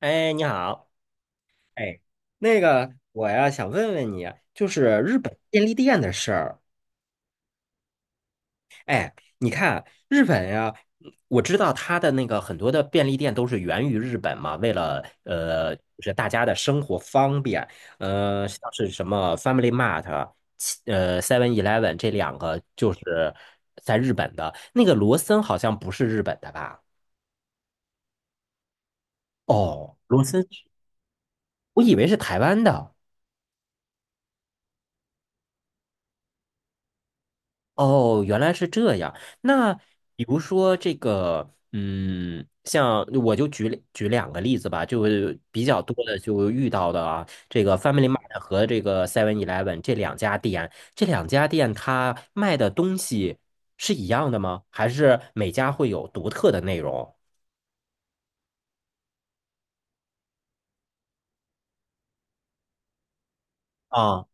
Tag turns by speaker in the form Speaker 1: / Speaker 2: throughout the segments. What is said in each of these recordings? Speaker 1: 哎，你好。哎，那个，我呀想问问你啊，就是日本便利店的事儿。你看日本呀，我知道它的那个很多的便利店都是源于日本嘛，为了就是大家的生活方便。像是什么 Family Mart、Seven Eleven 这两个就是在日本的。那个罗森好像不是日本的吧？哦，罗森是我以为是台湾的。哦，原来是这样。那比如说这个，像我就举举两个例子吧，就是比较多的就遇到的啊，这个 Family Mart 和这个 Seven Eleven 这两家店，这两家店它卖的东西是一样的吗？还是每家会有独特的内容？啊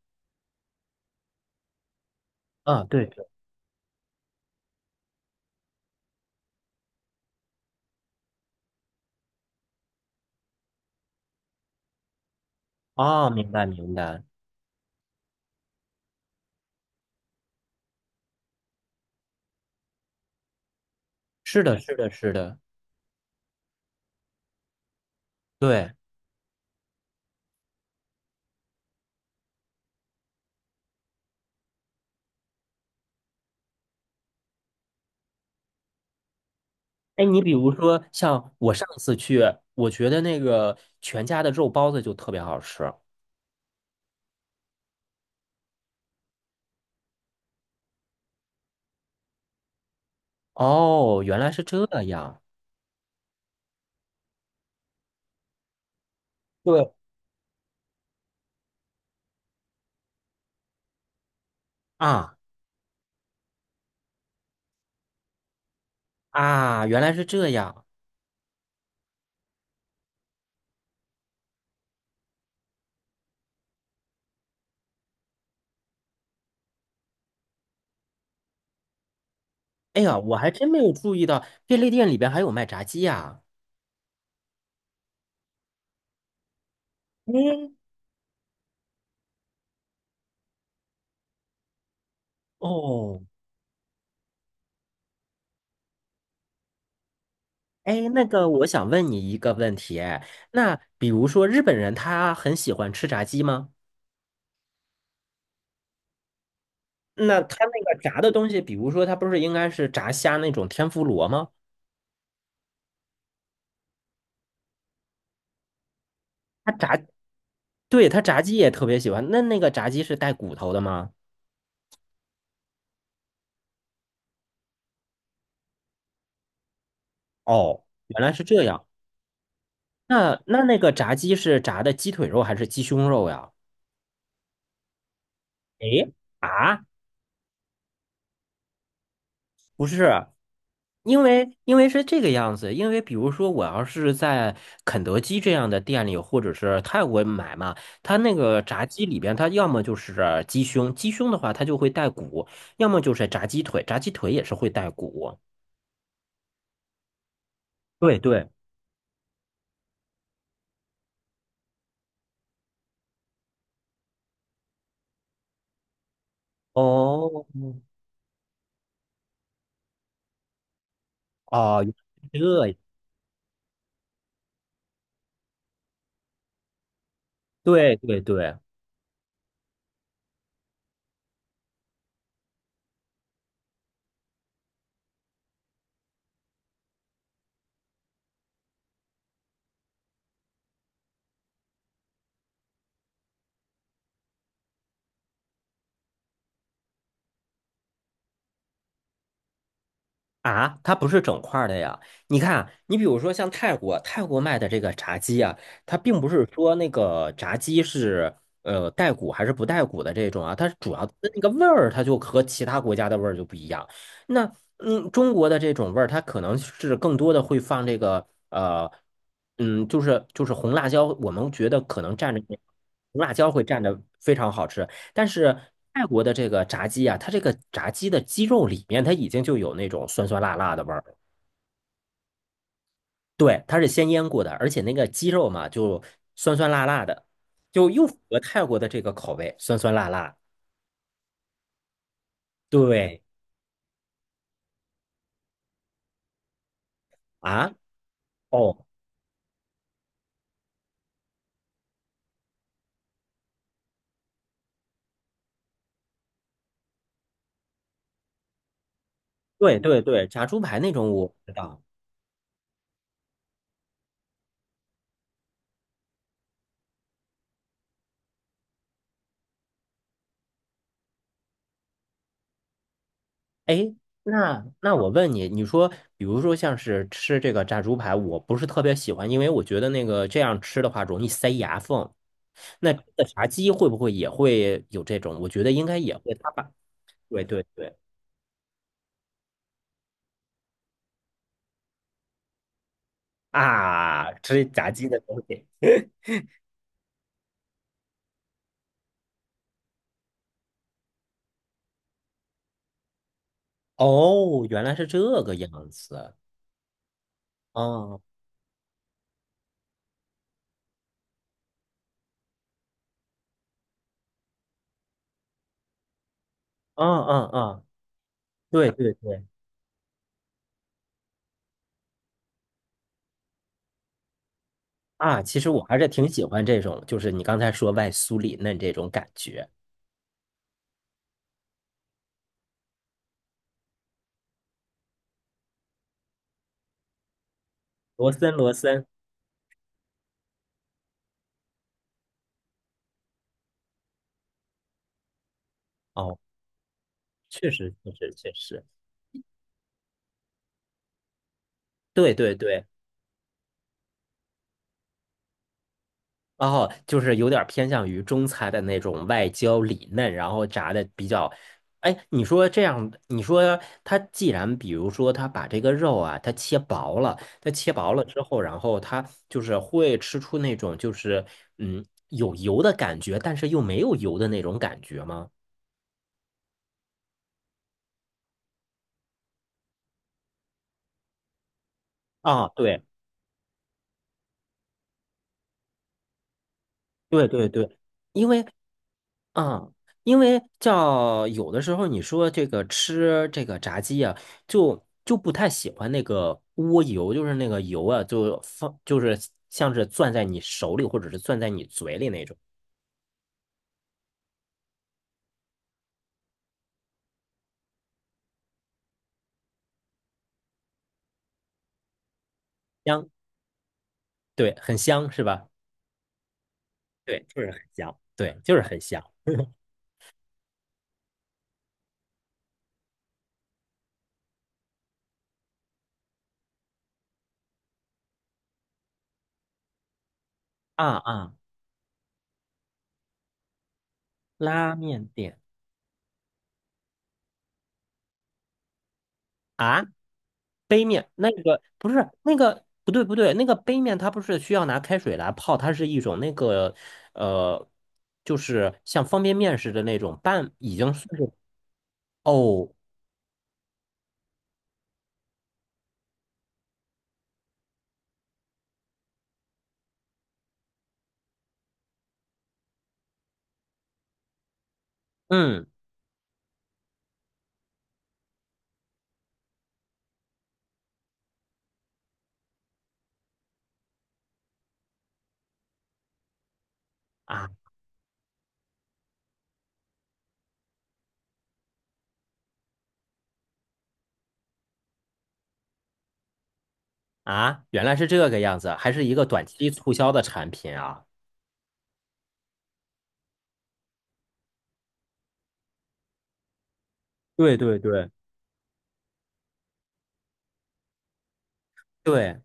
Speaker 1: 啊，对啊，哦，明白明白，是的，是的，是的，对。哎，你比如说像我上次去，我觉得那个全家的肉包子就特别好吃。哦，原来是这样。对啊啊，原来是这样。哎呀，我还真没有注意到便利店里边还有卖炸鸡呀。嗯，哦，哎，那个我想问你一个问题。哎，那比如说日本人他很喜欢吃炸鸡吗？那他那个炸的东西，比如说他不是应该是炸虾那种天妇罗吗？他炸对，他炸鸡也特别喜欢。那那个炸鸡是带骨头的吗？哦，原来是这样。那那个炸鸡是炸的鸡腿肉还是鸡胸肉呀？诶，啊，不是，因为是这个样子。因为比如说，我要是在肯德基这样的店里，或者是泰国买嘛，它那个炸鸡里边，它要么就是鸡胸，鸡胸的话它就会带骨，要么就是炸鸡腿，炸鸡腿也是会带骨。对对，哦，哦，原来是这对对对，啊，它不是整块儿的呀。你看啊，你比如说像泰国，泰国卖的这个炸鸡啊，它并不是说那个炸鸡是带骨还是不带骨的这种啊，它主要的那个味儿，它就和其他国家的味儿就不一样。那中国的这种味儿，它可能是更多的会放这个就是红辣椒，我们觉得可能蘸着那个红辣椒会蘸着非常好吃。但是泰国的这个炸鸡啊，它这个炸鸡的鸡肉里面它已经就有那种酸酸辣辣的味儿了。对，它是先腌过的，而且那个鸡肉嘛，就酸酸辣辣的，就又符合泰国的这个口味，酸酸辣辣。对啊，哦，对对对，炸猪排那种我知道。哎，那我问你，你说，比如说像是吃这个炸猪排，我不是特别喜欢，因为我觉得那个这样吃的话容易塞牙缝。那这个炸鸡会不会也会有这种？我觉得应该也会，他把，对对对，啊，吃炸鸡的东西。哦，原来是这个样子。哦，嗯嗯嗯，对对对，啊，其实我还是挺喜欢这种，就是你刚才说外酥里嫩这种感觉。罗森，罗森。哦。确实，确实，确实，对对对，哦，就是有点偏向于中餐的那种外焦里嫩，然后炸的比较，哎，你说这样，你说它既然比如说它把这个肉啊，它切薄了，它切薄了之后，然后它就是会吃出那种就是有油的感觉，但是又没有油的那种感觉吗？啊，对对对对，因为嗯，因为叫有的时候你说这个吃这个炸鸡啊，就不太喜欢那个窝油，就是那个油啊，就放就是像是攥在你手里或者是攥在你嘴里那种。香，对，很香是吧？对，就是很香，对，就是很香。啊啊！拉面店啊。杯面那个不是那个不对不对，那个杯面它不是需要拿开水来泡，它是一种那个呃，就是像方便面似的那种半已经算是。哦，嗯。啊啊，原来是这个样子，还是一个短期促销的产品啊。对对对对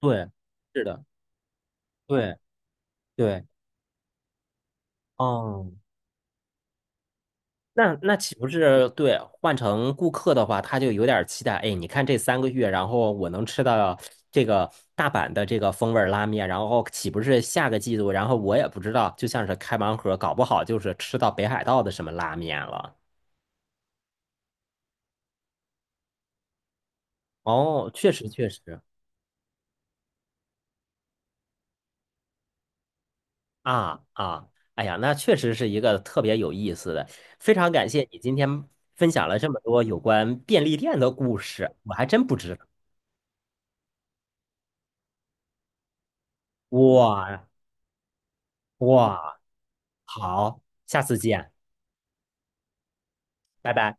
Speaker 1: 对，是的，对对，嗯。那岂不是对换成顾客的话，他就有点儿期待？哎，你看这3个月，然后我能吃到这个大阪的这个风味儿拉面，然后岂不是下个季度，然后我也不知道，就像是开盲盒，搞不好就是吃到北海道的什么拉面了。哦，确实确实。啊啊，哎呀，那确实是一个特别有意思的，非常感谢你今天分享了这么多有关便利店的故事，我还真不知道。哇哇，好，下次见。拜拜。